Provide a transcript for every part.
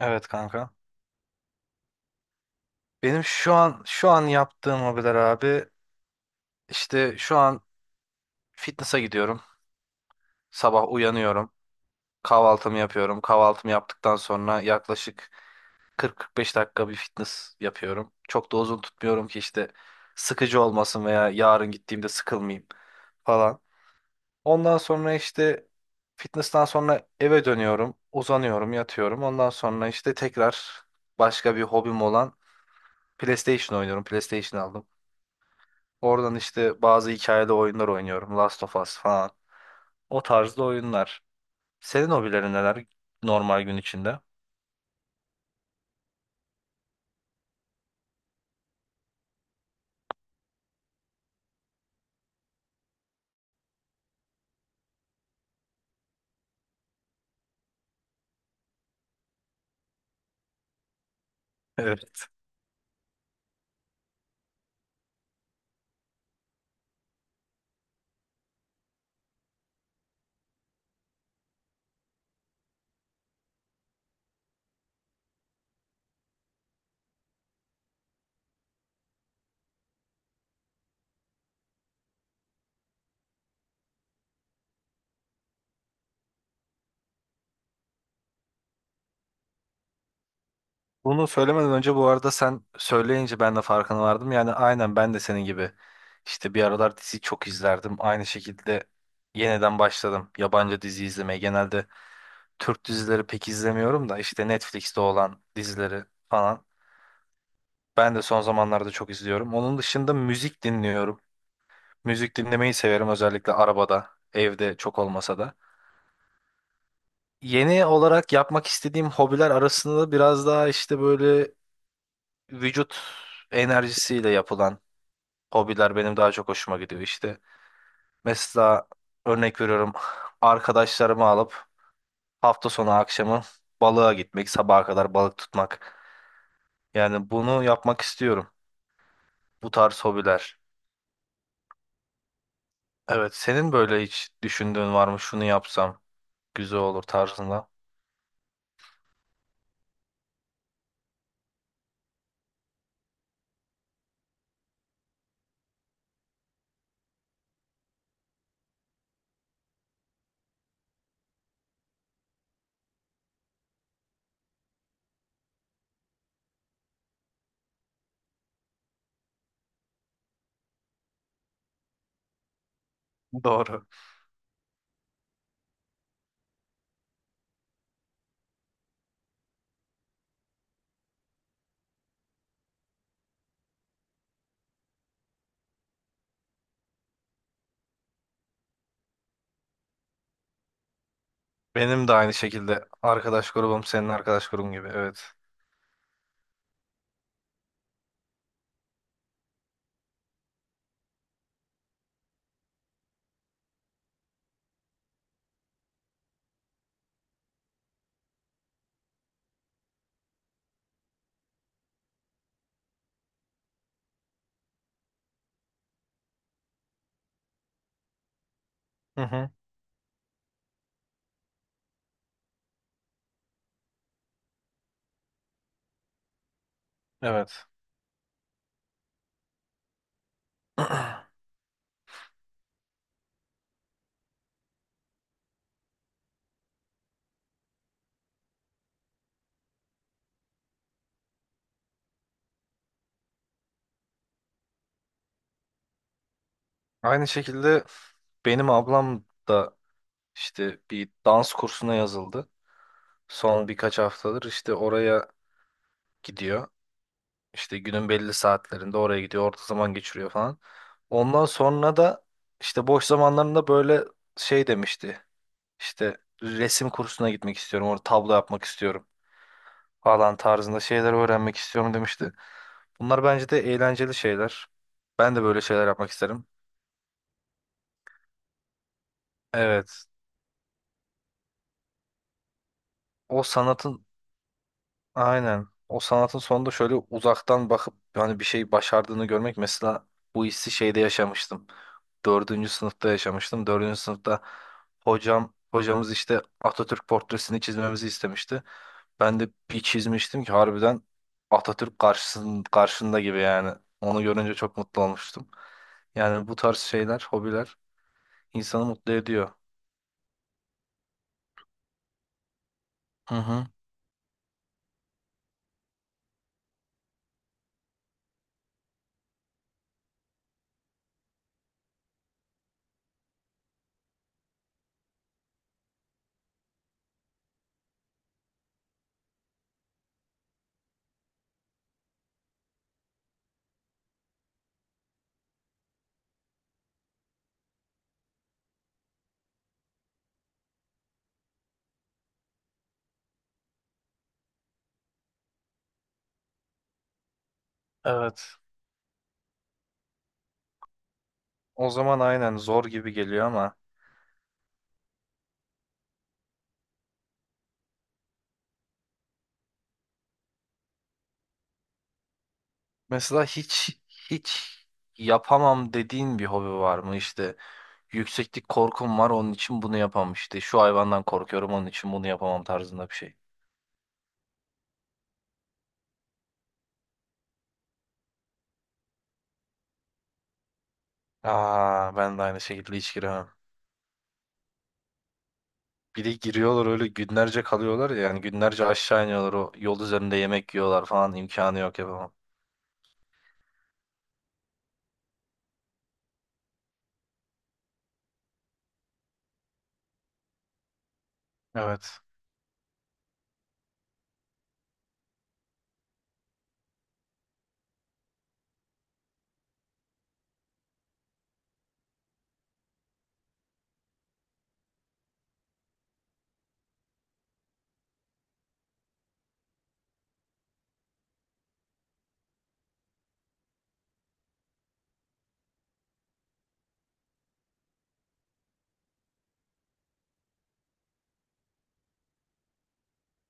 Evet kanka. Benim şu an yaptığım hobiler abi işte şu an fitness'a gidiyorum. Sabah uyanıyorum. Kahvaltımı yapıyorum. Kahvaltımı yaptıktan sonra yaklaşık 40-45 dakika bir fitness yapıyorum. Çok da uzun tutmuyorum ki işte sıkıcı olmasın veya yarın gittiğimde sıkılmayayım falan. Ondan sonra işte fitness'tan sonra eve dönüyorum. Uzanıyorum, yatıyorum. Ondan sonra işte tekrar başka bir hobim olan PlayStation oynuyorum. PlayStation aldım. Oradan işte bazı hikayeli oyunlar oynuyorum. Last of Us falan. O tarzda oyunlar. Senin hobilerin neler normal gün içinde? Evet. Bunu söylemeden önce bu arada sen söyleyince ben de farkına vardım. Yani aynen ben de senin gibi işte bir aralar dizi çok izlerdim. Aynı şekilde yeniden başladım yabancı dizi izlemeye. Genelde Türk dizileri pek izlemiyorum da işte Netflix'te olan dizileri falan. Ben de son zamanlarda çok izliyorum. Onun dışında müzik dinliyorum. Müzik dinlemeyi severim özellikle arabada, evde çok olmasa da. Yeni olarak yapmak istediğim hobiler arasında biraz daha işte böyle vücut enerjisiyle yapılan hobiler benim daha çok hoşuma gidiyor. İşte. Mesela örnek veriyorum arkadaşlarımı alıp hafta sonu akşamı balığa gitmek, sabaha kadar balık tutmak. Yani bunu yapmak istiyorum. Bu tarz hobiler. Evet, senin böyle hiç düşündüğün var mı? Şunu yapsam güzel olur tarzında. Doğru. Benim de aynı şekilde arkadaş grubum senin arkadaş grubun gibi. Evet. Hı hı. Evet. Aynı şekilde benim ablam da işte bir dans kursuna yazıldı. Son birkaç haftadır işte oraya gidiyor. İşte günün belli saatlerinde oraya gidiyor. Orta zaman geçiriyor falan. Ondan sonra da işte boş zamanlarında böyle şey demişti. İşte resim kursuna gitmek istiyorum, orada tablo yapmak istiyorum falan tarzında şeyler öğrenmek istiyorum demişti. Bunlar bence de eğlenceli şeyler. Ben de böyle şeyler yapmak isterim. Evet. O sanatın aynen. O sanatın sonunda şöyle uzaktan bakıp hani bir şey başardığını görmek mesela bu hissi şeyde yaşamıştım. Dördüncü sınıfta yaşamıştım. Dördüncü sınıfta hocamız işte Atatürk portresini çizmemizi istemişti. Ben de bir çizmiştim ki harbiden Atatürk karşında gibi yani. Onu görünce çok mutlu olmuştum. Yani bu tarz şeyler, hobiler insanı mutlu ediyor. Hı hı. Evet. O zaman aynen zor gibi geliyor ama mesela hiç yapamam dediğin bir hobi var mı? İşte yükseklik korkum var onun için bunu yapamam. İşte şu hayvandan korkuyorum onun için bunu yapamam tarzında bir şey. Aa ben de aynı şekilde hiç giremem. Bir de giriyorlar öyle günlerce kalıyorlar ya yani günlerce aşağı iniyorlar o yol üzerinde yemek yiyorlar falan imkanı yok yapamam. Evet.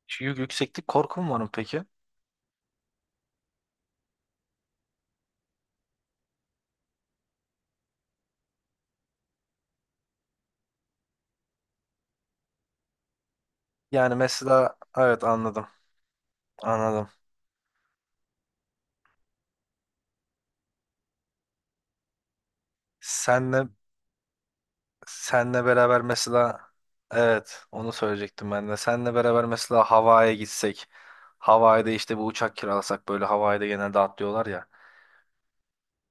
Şu yükseklik korkum var mı peki? Yani mesela evet anladım anladım. Senle senle beraber mesela evet onu söyleyecektim ben de. Senle beraber mesela Hawaii'ye gitsek. Hawaii'de işte bu uçak kiralasak böyle Hawaii'de genelde atlıyorlar ya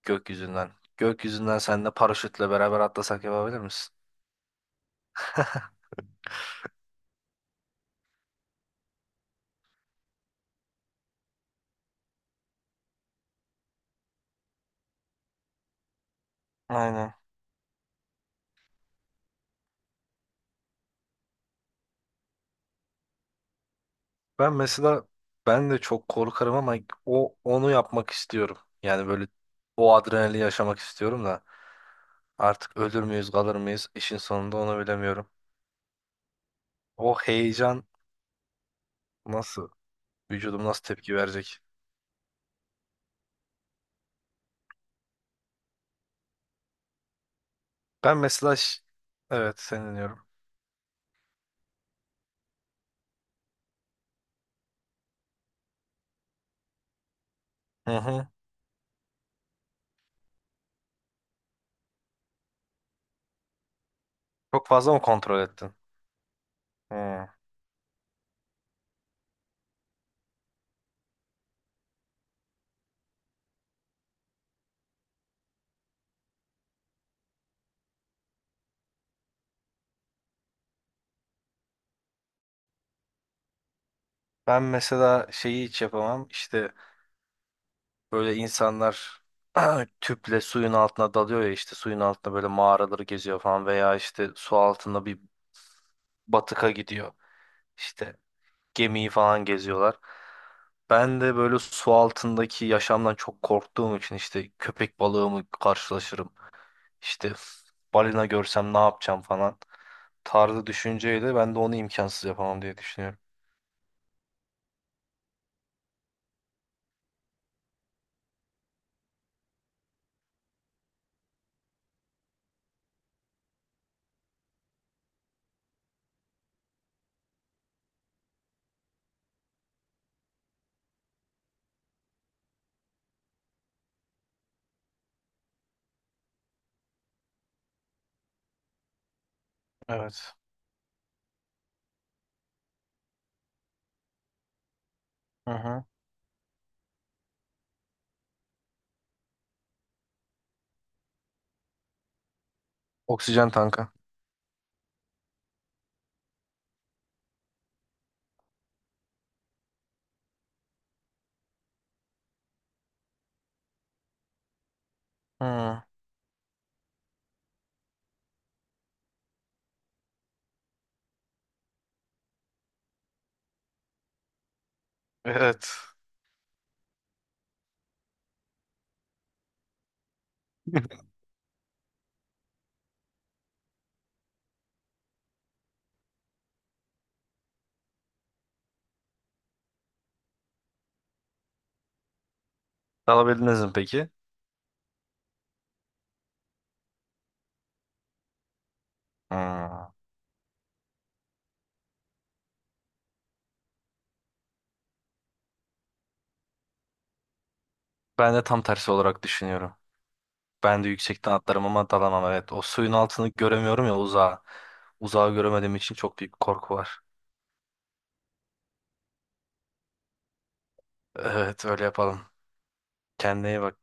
gökyüzünden. Gökyüzünden senle paraşütle beraber atlasak yapabilir misin? Aynen. Ben mesela ben de çok korkarım ama onu yapmak istiyorum. Yani böyle o adrenalini yaşamak istiyorum da artık ölür müyüz kalır mıyız işin sonunda onu bilemiyorum. O heyecan nasıl vücudum nasıl tepki verecek? Ben mesela evet seni dinliyorum. Hı hı. Çok fazla mı kontrol ettin? Hı. Ben mesela şeyi hiç yapamam. İşte böyle insanlar tüple suyun altına dalıyor ya işte suyun altında böyle mağaraları geziyor falan veya işte su altında bir batıka gidiyor. İşte gemiyi falan geziyorlar. Ben de böyle su altındaki yaşamdan çok korktuğum için işte köpek balığı mı karşılaşırım. İşte balina görsem ne yapacağım falan tarzı düşünceyle ben de onu imkansız yapamam diye düşünüyorum. Evet. Hı hı. Oksijen tanka. Hı. Evet. Alabildiniz mi peki? Hı. Ben de tam tersi olarak düşünüyorum. Ben de yüksekten atlarım ama dalamam evet. O suyun altını göremiyorum ya uzağa. Uzağı göremediğim için çok büyük korku var. Evet öyle yapalım. Kendine iyi bak.